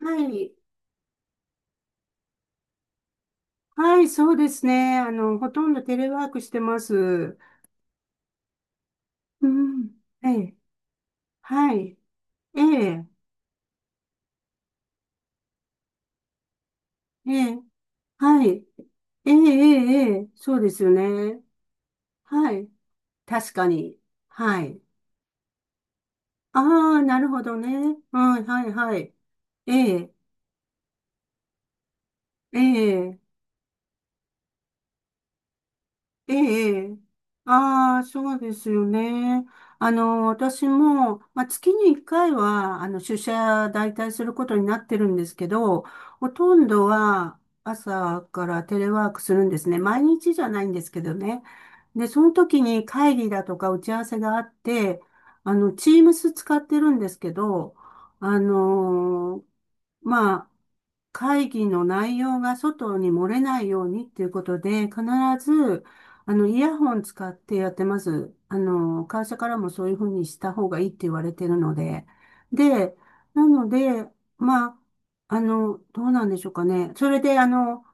はい。はい、そうですね。ほとんどテレワークしてます。うん。ええ。はい。ええ。ええ。はい。ええ、ええ、ええ、そうですよね。はい。確かに。はい。ああ、なるほどね。うん、はい、はい。ええ。ええ。ええ、ああ、そうですよね。私も、まあ、月に1回は、出社代替することになってるんですけど、ほとんどは朝からテレワークするんですね。毎日じゃないんですけどね。で、その時に会議だとか打ち合わせがあって、Teams 使ってるんですけど、あの、まあ、会議の内容が外に漏れないようにっていうことで、必ずイヤホン使ってやってます。会社からもそういうふうにした方がいいって言われてるので。で、なので、まあ、どうなんでしょうかね。それで、あの、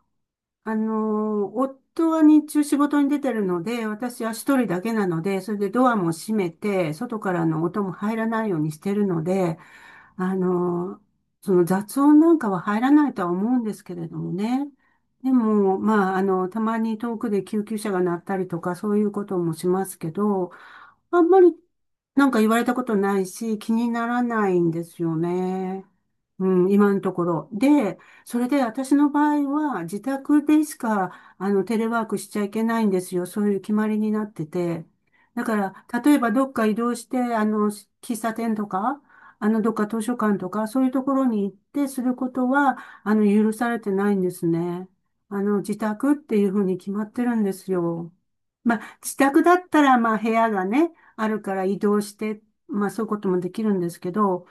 あの、夫は日中仕事に出てるので、私は一人だけなので、それでドアも閉めて、外からの音も入らないようにしてるので、あの、その雑音なんかは入らないとは思うんですけれどもね。でも、まあ、たまに遠くで救急車が鳴ったりとか、そういうこともしますけど、あんまりなんか言われたことないし、気にならないんですよね。うん、今のところ。で、それで私の場合は自宅でしか、テレワークしちゃいけないんですよ。そういう決まりになってて。だから、例えばどっか移動して、喫茶店とか、どっか図書館とか、そういうところに行ってすることは、許されてないんですね。自宅っていうふうに決まってるんですよ。まあ、自宅だったら、まあ、部屋がね、あるから移動して、まあそういうこともできるんですけど、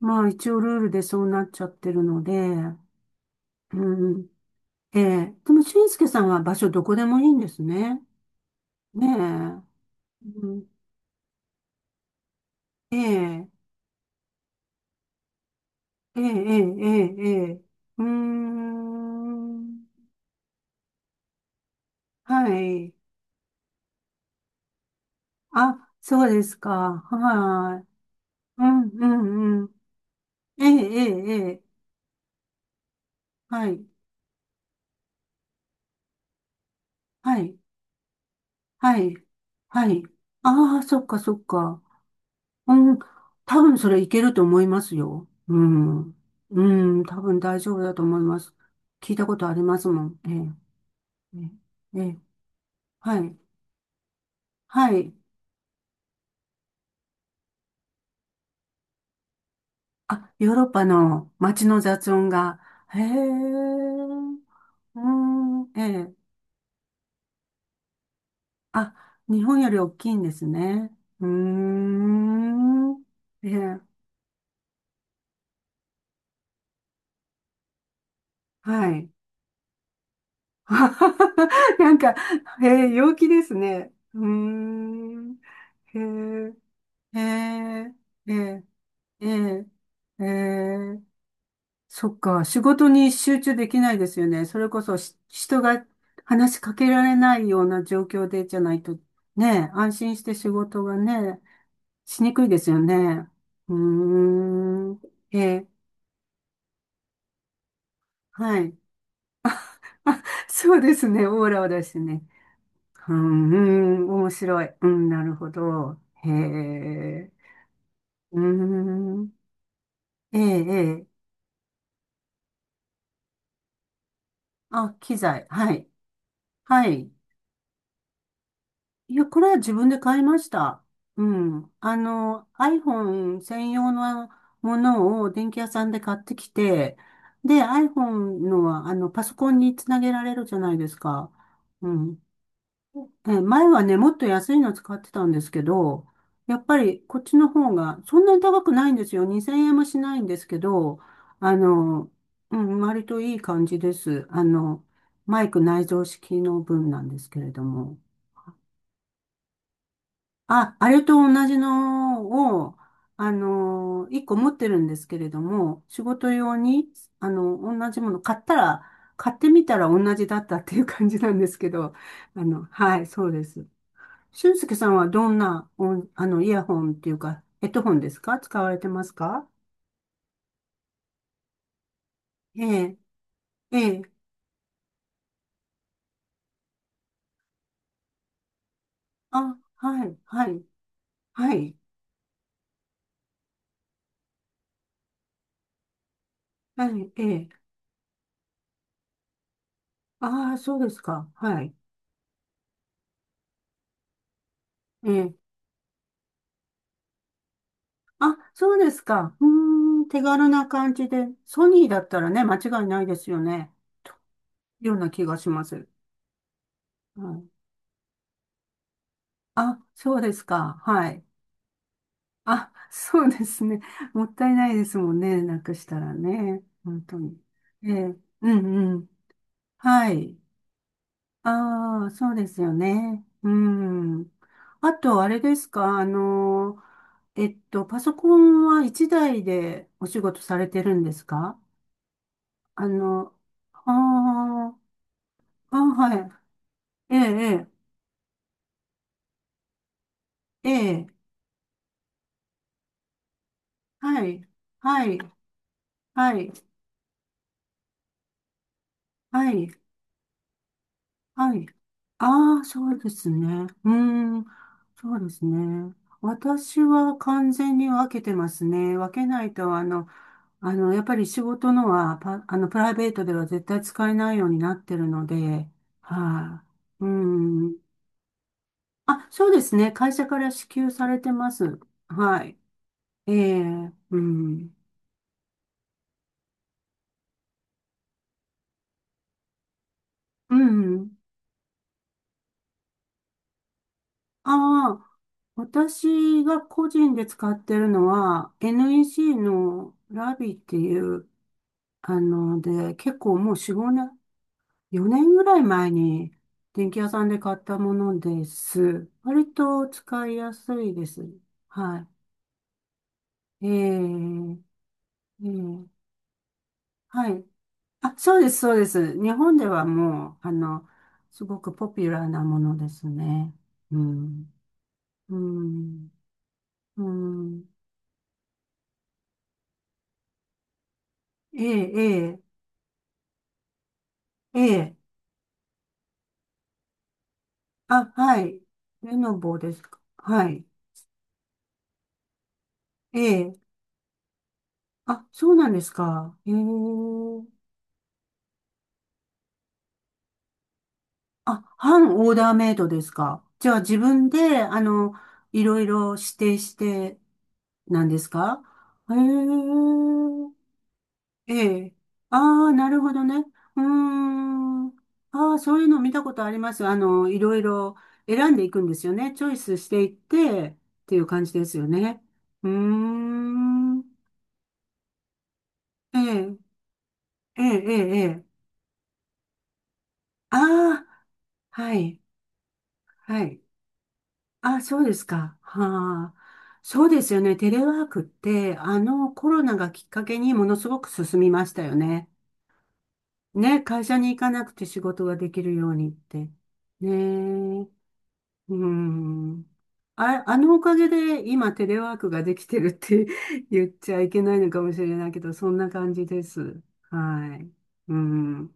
まあ一応ルールでそうなっちゃってるので、うん。ええ。でも、俊介さんは場所どこでもいいんですね。ねえ。うん、ええ、ええ、ええ、ええ。ええ、うーん。はい。あ、そうですか。はい。うん、うん、うん。ええ、ええ、ええ。はい。はい。はい。はい。ああ、そっか、そっか。うん、多分それいけると思いますよ。うん。うん、多分大丈夫だと思います。聞いたことありますもん。ええ、ええ、ええ、はい、はい。あ、ヨーロッパの街の雑音が、へえ、うん、ええ、あ、日本より大きいんですね。うーん、ええ、はい。なんか、ええ、陽気ですね。うーん、へえ。へえ、ええ、ええ、ええ、そっか。仕事に集中できないですよね。それこそ人が話しかけられないような状況でじゃないと、ね、安心して仕事がね、しにくいですよね。うーん、ええ、はい。そうですね。オーラを出してね。うーん、面白い。うん、なるほど。へえ、うーん、ええ、ええ、あ、機材。はい、はい。いや、これは自分で買いました。うん。iPhone 専用のものを電気屋さんで買ってきて、で、iPhone のは、パソコンにつなげられるじゃないですか。うん。前はね、もっと安いの使ってたんですけど、やっぱりこっちの方が、そんなに高くないんですよ。2000円もしないんですけど、あの、うん、割といい感じです。マイク内蔵式の分なんですけれども。あ、あれと同じのを、一個持ってるんですけれども、仕事用に、同じもの買ったら、買ってみたら同じだったっていう感じなんですけど、はい、そうです。俊介さんはどんな、お、あの、イヤホンっていうか、ヘッドホンですか、使われてますか？ええ、ええ、あ、はい、はい、はい、はい、ええ、ああ、そうですか、はい、ええ、あ、そうですか。うーん、手軽な感じで。ソニーだったらね、間違いないですよね。ような気がします。はい。あ、そうですか。はい。あ、そうですね。もったいないですもんね。なくしたらね。本当に。ええ、うんうん。はい。ああ、そうですよね。うん。あと、あれですか。パソコンは一台でお仕事されてるんですか？あの、ああ、あ、はい。ええ、ええ、ええ、はい、はい、はい、はい、はい。ああ、そうですね。うーん、そうですね。私は完全に分けてますね。分けないと、やっぱり仕事のは、パ、あの、プライベートでは絶対使えないようになってるので、はい、うーん。あ、そうですね。会社から支給されてます。はい。ええ、うん。うん。あ、私が個人で使ってるのは NEC のラビっていう、で、結構もう4、年、4年ぐらい前に電気屋さんで買ったものです。割と使いやすいです。はい。ー、えー、はい。あ、そうです、そうです。日本ではもう、すごくポピュラーなものですね。うん、うん、うん。ええ、ええ、ええ。あ、はい。レノボですか。はい。ええ。あ、そうなんですか。ええ。あ、半オーダーメイドですか。じゃあ自分で、いろいろ指定してなんですか？ええ。ええ。ああ、なるほどね。うーん。ああ、そういうの見たことあります。いろいろ選んでいくんですよね。チョイスしていってっていう感じですよね。うーん。ええ。ええ、ええ、ええ。ああ、はい、はい。あ、そうですか。はあ、そうですよね。テレワークって、あのコロナがきっかけにものすごく進みましたよね。ね、会社に行かなくて仕事ができるようにって。ねえ、うん。あ、あのおかげで今テレワークができてるって 言っちゃいけないのかもしれないけど、そんな感じです。はい。うん。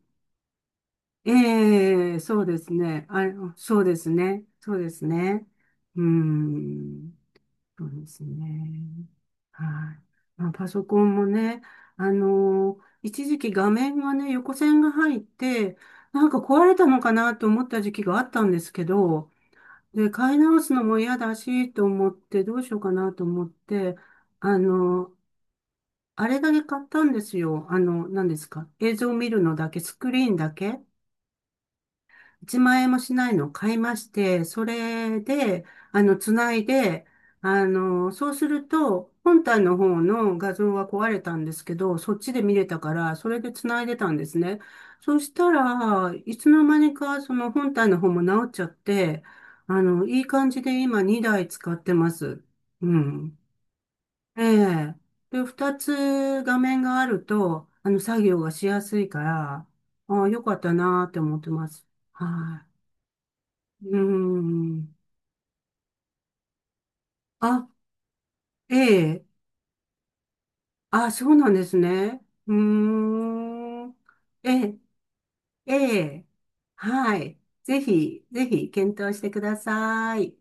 ええ、そうですね。あ、そうですね。そうですね。うん、そうですね。はい。まあ、パソコンもね、一時期画面がね、横線が入って、なんか壊れたのかなと思った時期があったんですけど、で、買い直すのも嫌だし、と思って、どうしようかなと思って、あの、あれだけ買ったんですよ。何ですか。映像を見るのだけ、スクリーンだけ。1万円もしないのを買いまして、それで、つないで、そうすると、本体の方の画像が壊れたんですけど、そっちで見れたから、それでつないでたんですね。そしたら、いつの間にか、その本体の方も直っちゃって、いい感じで今2台使ってます。うん。ええ。で、2つ画面があると、作業がしやすいから、ああ、よかったなーって思ってます。はい。うーん。あ、ええ。あ、そうなんですね。うーん。ええ、ええ。はい。ぜひ、ぜひ、検討してください。